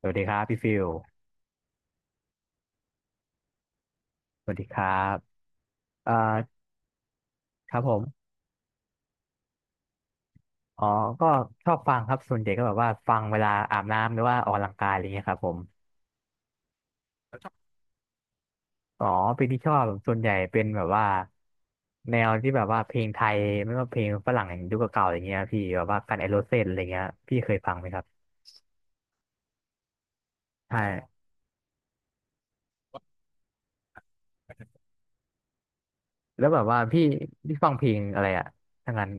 สวัสดีครับพี่ฟิลสวัสดีครับเอ่อครับผม อ๋อก็ชอบฟังครับส่วนใหญ่ก็แบบว่าฟังเวลาอาบน้ำหรือว่าออกกำลังกายอะไรเงี้ยครับผมอ๋อเพลงที่ชอบส่วนใหญ่เป็นแบบว่าแนวที่แบบว่าเพลงไทยไม่ว่าเพลงฝรั่งยุคเก่าๆอย่างเงี้ยพี่แบบว่ากันไอโรเซนอะไรเงี้ยพี่เคยฟังไหมครับ ใช่แล้วแบบว่าพี่ฟังเพลงอะไรอะทั้งนั้น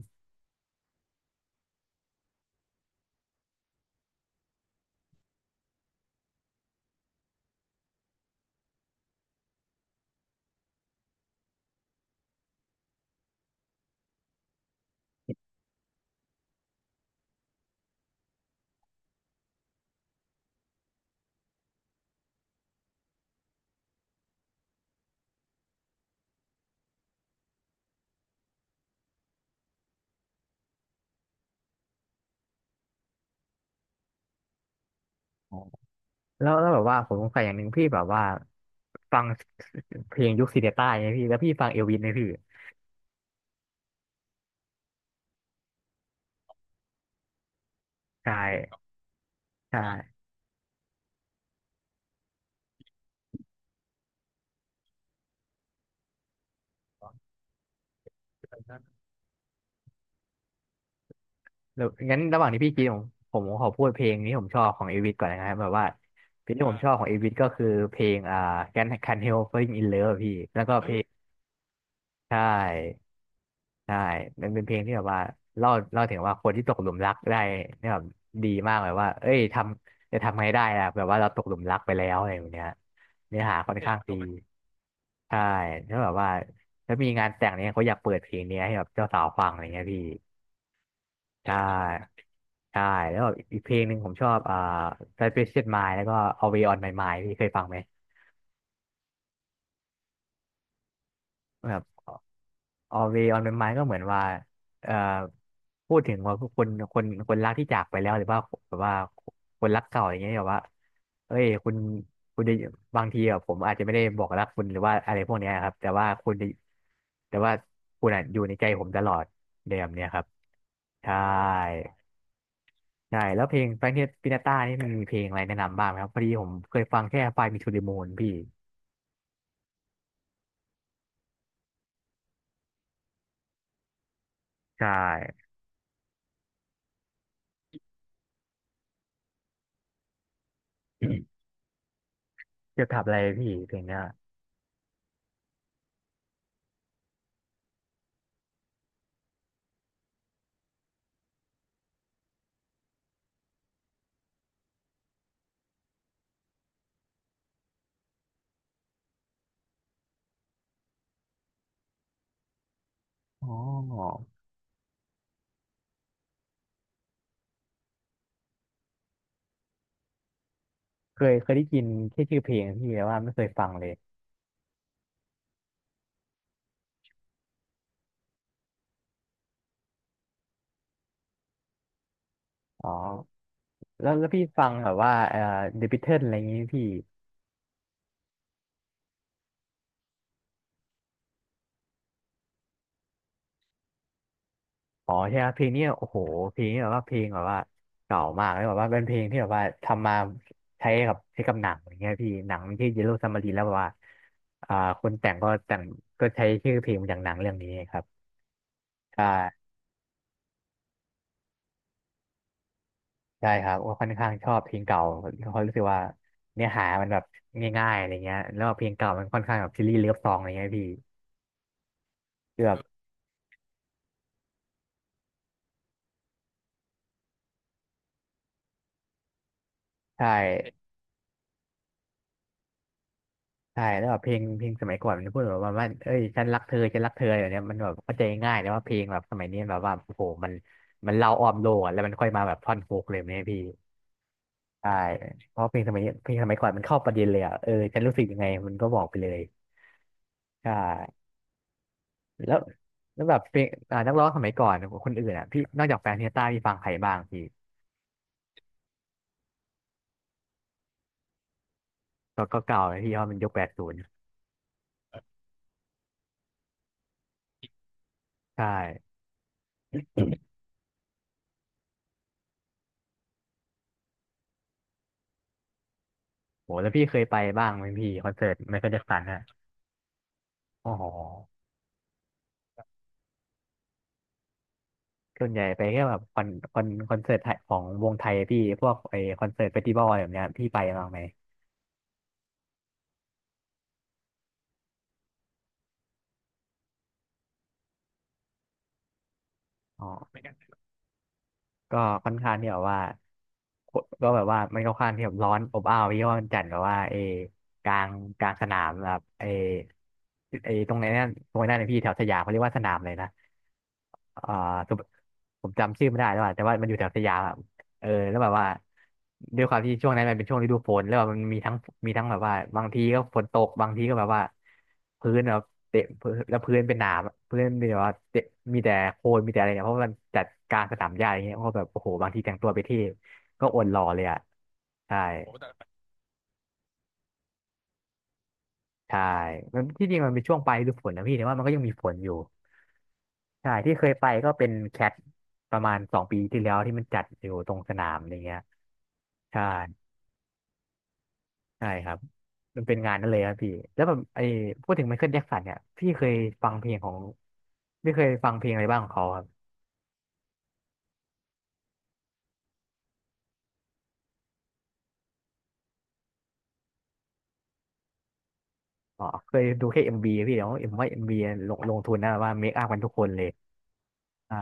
อ๋อแล้วแบบว่าผมสงสัยอย่างหนึ่งพี่แบบว่าฟังเพลงยุคซีเดต้าไงพี่แล้วพี่ฟังเอลวิสไหมพี่ใช่ ใช่แล้วงั้นระหว่างที่พี่กินผมขอพูดเพลงนี้ผมชอบของเอวิสก่อนนะครับแบบว่าเพลงที่ผมชอบของเอวิสก็คือเพลงCan't Help Falling in Love อะพี่แล้วก็เอ้เพยลงใช่ใช่มันเป็นเพลงที่แบบว่าเล่าถึงว่าคนที่ตกหลุมรักได้เนี่ยแบบดีมากแบบว่าเอ้ยจะทำไงได้ล่ะแบบว่าเราตกหลุมรักไปแล้วอะไรอย่างเงี้ยเนื้อหาค่อนเพลงข้างตดีรงกนใช่แล้วแบบว่าถ้ามีงานแต่งเนี่ยเขาอยากเปิดเพลงนี้ให้แบบเจ้าสาวฟังอะไรเงี้ยพี่ ใช่ใช่แล้วแบบอีกเพลงหนึ่งผมชอบSuspicious Mind แล้วก็ Always on My Mind พี่เคยฟังไหมแบบ Always on My Mind ก็เหมือนว่าเอ่อพูดถึงว่าคนรักที่จากไปแล้วหรือว่าแบบว่าคนรักเก่าอย่างเงี้ยแบบว่าเอ้ยคุณจะบางทีแบบผมอาจจะไม่ได้บอกรักคุณหรือว่าอะไรพวกเนี้ยครับแต่ว่าคุณจะแต่ว่าคุณอะอยู่ในใจผมตลอดในแบบเนี้ยครับใช่ ใช่แล้วเพลงแฟรงค์ปินาต้านี่มันมีเพลงอะไรแนะนำบ้างไหมครับพอดีผมเคยฟังแค่ไฟมีทูเด m มูนพี่ใช่ จะทบอะไรพี่เพลงเนี้ยอ๋อเคยได้ยินแค่ชื่อเพลงพี่แต่ว่าไม่เคยฟังเลยอ๋อแล้วพี่ฟังแบบว่าเดอะบิทเทิลอะไรอย่างงี้พี่อ๋อใช่ครับเพลงเนี้ยโอ้โหเพลงนี้แบบว่าเพลงแบบว่าเก่ามากเลยแบบว่าเป็นเพลงที่แบบว่าทำมาใช้กับหนังอย่างเงี้ยพี่หนังมันชื่อเยลโลซัมมารีนแล้วแบบว่าอ่าคนแต่งก็แต่งก็ใช้ชื่อเพลงมาจากหนังเรื่องนี้ครับ ใช่ใช่ครับว่าค่อนข้างชอบเพลงเก่าเพราะรู้สึกว่าเนื้อหามันแบบง่ายๆอะไรเงี้ยแล้วเพลงเก่ามันค่อนข้างแบบซีรีส์เลิฟซองอะไรเงี้ยพี่คือแบบใช่ใช่แล้วแบบเพลงเพลงสมัยก่อนมันพูดแบบว่าว่าเอ้ยฉันรักเธอฉันรักเธออะไรแบบเนี้ยมันแบบเข้าใจง่ายแต่ว่าเพลงแบบสมัยนี้แบบว่าโอ้โหมันเล่าอ้อมโลกอะแล้วมันค่อยมาแบบท่อนฮุกเลยแบบเนี่ยพี่ใช่เพราะเพลงสมัยนี้เพลงสมัยก่อนมันเข้าประเด็นเลยอ่ะเออฉันรู้สึกยังไงมันก็บอกไปเลยใช่ แล้วแล้วแบบเพลงอ่านักร้องสมัยก่อนคนอื่นอ่ะพี่นอกจากแฟนเฮต้าพี่ฟังใครบ้างพี่ก็ก็เก่าเลยพี่เพราะมันยุค80ใช่โหแล้วพี่เคยไปบ้างไหมพี่คอนเสิร์ตไมเคิลแจ็คสันอ่ะโอ้โหส่วนใหญ่ไปแค่แบบคอนเสิร์ตไทยของวงไทยพี่พวกไอคอนเสิร์ตเฟสติวัลอะไรแบบเนี้ยพี่ไปบ้างไหมอ๋อ ก็ค่อนข้างที่แบบว่าก็แบบว่ามันก็ค่อนข้างที่แบบร้อนอบอ้าวเพราะว่ามันจัดแบบว่าเออกลางกลางสนามแบบเอเอตรงไหนนั่นนะพี่แถวสยามเขาเรียกว่าสนามเลยนะ อ่าสุผมจำชื่อไม่ได้แล้วอะแต่ว่ามันอยู่แถวสยามอะเออแล้วแบบว่าด้วยความที่ช่วงนั้นมันเป็นช่วงฤดูฝนแล้วแบบมันมีทั้งแบบว่าบางทีก็ฝนตกบางทีก็แบบว่าพื้นแบบเตะพื้นแล้วพื้นเป็นหนามอะพื้นมีแบบว่าเตะมีแต่โคลนมีแต่อะไรเนี่ยเพราะว่ามันจัดการสนามหญ้าอย่างเงี้ยเพราะแบบโอ้โหบางทีแต่งตัวไปเที่ก็อดหล่อเลยอ่ะใช่ใช่มันที่จริงมันเป็นช่วงปลายฤดูฝนนะพี่แต่ว่ามันก็ยังมีฝนอยู่ ใช่ที่เคยไปก็เป็นแคทประมาณสองปีที่แล้วที่มันจัดอยู่ตรงสนามอะไรเงี้ยใช่ใช่ครับมันเป็นงานนั่นเลยครับพี่แล้วแบบไอ้พูดถึงไมเคิลแจ็คสันเนี่ยพี่เคยฟังเพลงของพี่เคยฟังเพลงอะไรบ้างของเขาครับอ๋อเคยดูแค่เอ็มบีพี่เดี๋ยวเอ็มว่าเอ็มบีลงทุนนะแบบว่าเมคอัพกันทุกคนเลยใช่า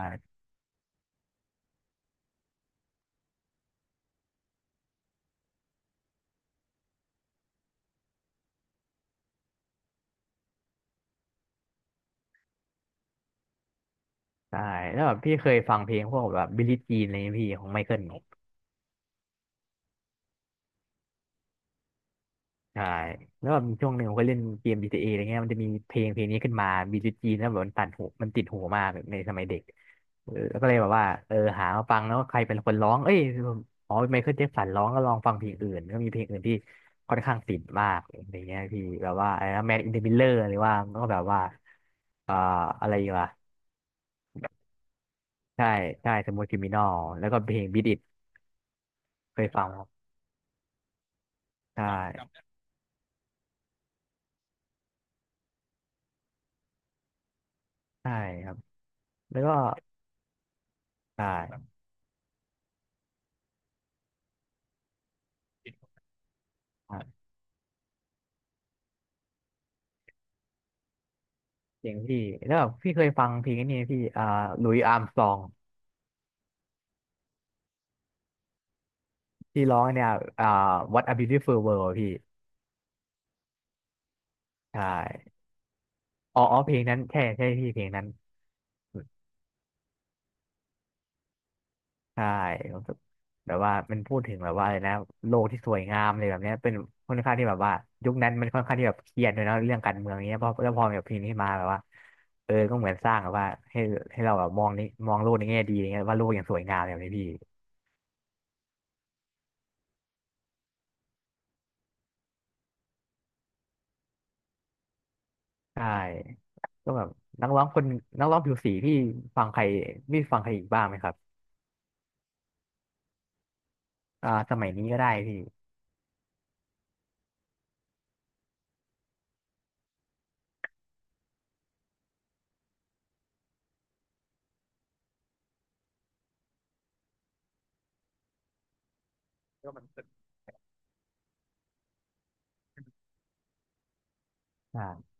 ใช่แล้วแบบพี่เคยฟังเพลงพวกแบบบิลลี่จีนอะไรเงี้ยพี่ของไมเคิล ใช่แล้วแบบมีช่วงหนึ่งผมก็เล่นเกม GTA ออะไรเงี้ยมันจะมีเพลงเพลงนี้ขึ้นมา b จ g จีแล้วแบบมันตัดหูมันติดหูมากในสมัยเด็กเออแล้วก็เลยแบบว่าเออหามาฟังแล้วใครเป็นคนร้องเอ้ยอ๋อไมเคิลแจ็คสันร้องก็ลองฟังเพลงอื่นก็มีเพลงอื่นที่ค่อนข้างติดมากอะไรเงี้ยพี่แบบว่าอะไรนะแมนอินเดอะมิลเลอร์หรือว่าก็แบบว่าเอ่ออะไรวะใช่ใช่สมูทคริมินอลแล้วก็เพลงบีทอิทเคยฟังครับใช่ใช่ครับแล้วก็ใช่ เจ๋งพี่แล้วแบบพี่เคยฟังเพลงนี้ไหมพี่อ่าหลุยส์อาร์มสตรองที่ร้องเนี่ยอ่า What a Beautiful World อะพี่ใช่อ๋ออ๋อเพลงนั้นใช่ใช่พี่เพลงนั้นใช่ผมแบบว่ามันพูดถึงแบบว่าอะไรนะโลกที่สวยงามเลยแบบเนี้ยเป็นค่อนข้างที่แบบว่ายุคนั้นมันค่อนข้างที่แบบเครียดเลยเนาะเรื่องการเมืองเนี้ยพอแล้วพอแบบเพลงนี้มาแบบว่าเออก็เหมือนสร้างแบบว่าให้ให้เราแบบมองนี้มองโลกในแง่ดีอะไรเงี้ยว่าโลกยังสวยงามแบบนี้พี่ ใช่ก็แบบนักร้องคนนักร้องผิวสีพี่ฟังใครพี่ฟังใครอีกบ้างไหมครับอ่าสมัยนี้ก็ได้พี่ใช่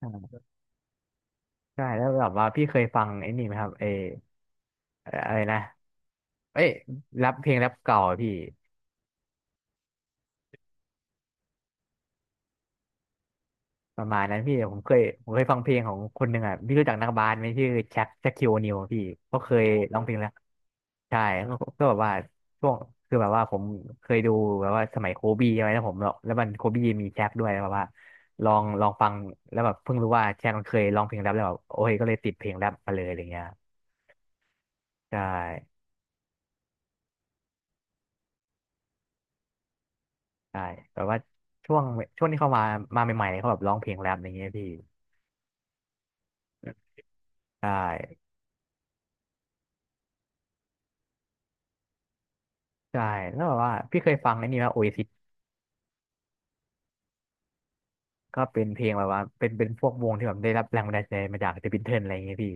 ใช่ใช่แล้วแบบว่าพี่เคยฟังไอ้นี่ไหมครับเอออะไรนะเอ้ยแรปเพลงแรปเก่าอะพี่ ประมาณนั้นพี่ผมเคยฟังเพลงของคนหนึ่งอ่ะพี่รู้จักนักบาสไหมชื่อแจ็คคิวนิวพี่เขาเคยร้องเพลงแล้วใช่ก็แบบว่าช่วงคือแบบว่าผมเคยดูแบบว่าสมัยโคบีใช่ไหมแล้วผมแล้วมันโคบีมีแจ็คด้วยแล้วแบบว่าลองฟังแล้วแบบเพิ่งรู้ว่าแจ็คมันเคยร้องเพลงแรปแล้วแบบโอ้ยก็เลยติดเพลงแรปมาเลยอะไรเงี้ยใช่ใช่แบบว่าช่วงช่วงที่เขามามาใหม่ๆเขาแบบร้องเพลงแรปอะไรเงี้ยพี่ใช่ใช่แล้วแบบว่าพี่เคยฟังไอ้นี่ไหมโอเอซิ ก็เป็นเพลงแบบว่าเป็นพวกวงที่แบบได้รับแรงบันดาลใจมาจากเดอะบิทเทิลอะไรอย่างเงี้ยพี่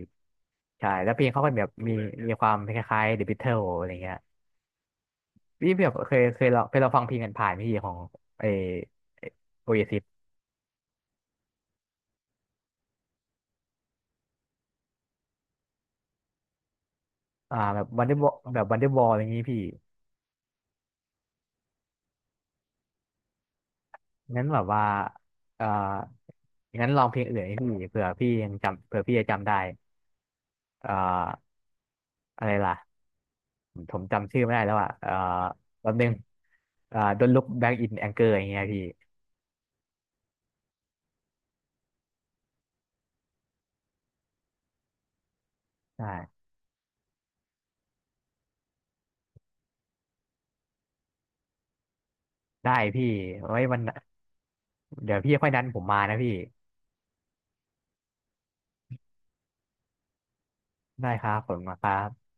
ใช่แล้วเพลงเขาก็แบบมีมีความคล้ายๆเดอะบิทเทิลอะไรเงี้ยพี่แบบเคยเคยเราฟังเพลงกันผ่านพี่ของไอโอเอซิสอ่าแบบวันเดอร์บอแบบวันเดอร์บอลอะไรอย่างงี้พี่งั้นแบบว่าเอ่างั้นลองเพลงอื่นให้พี่เผื่อพี่ยังจำเผื่อพี่จะจำได้เอ่าอะไรล่ะผมจำชื่อไม่ได้แล้วอ่ะแป๊บนึงเอ่า Don't Look Back in Anger อย่างเงี้ยพี่ใช่ ได้พี่ไว้วันเดี๋ยวพี่ค่อยนัดผมมานะพี่ ได้ครับผมมาครับ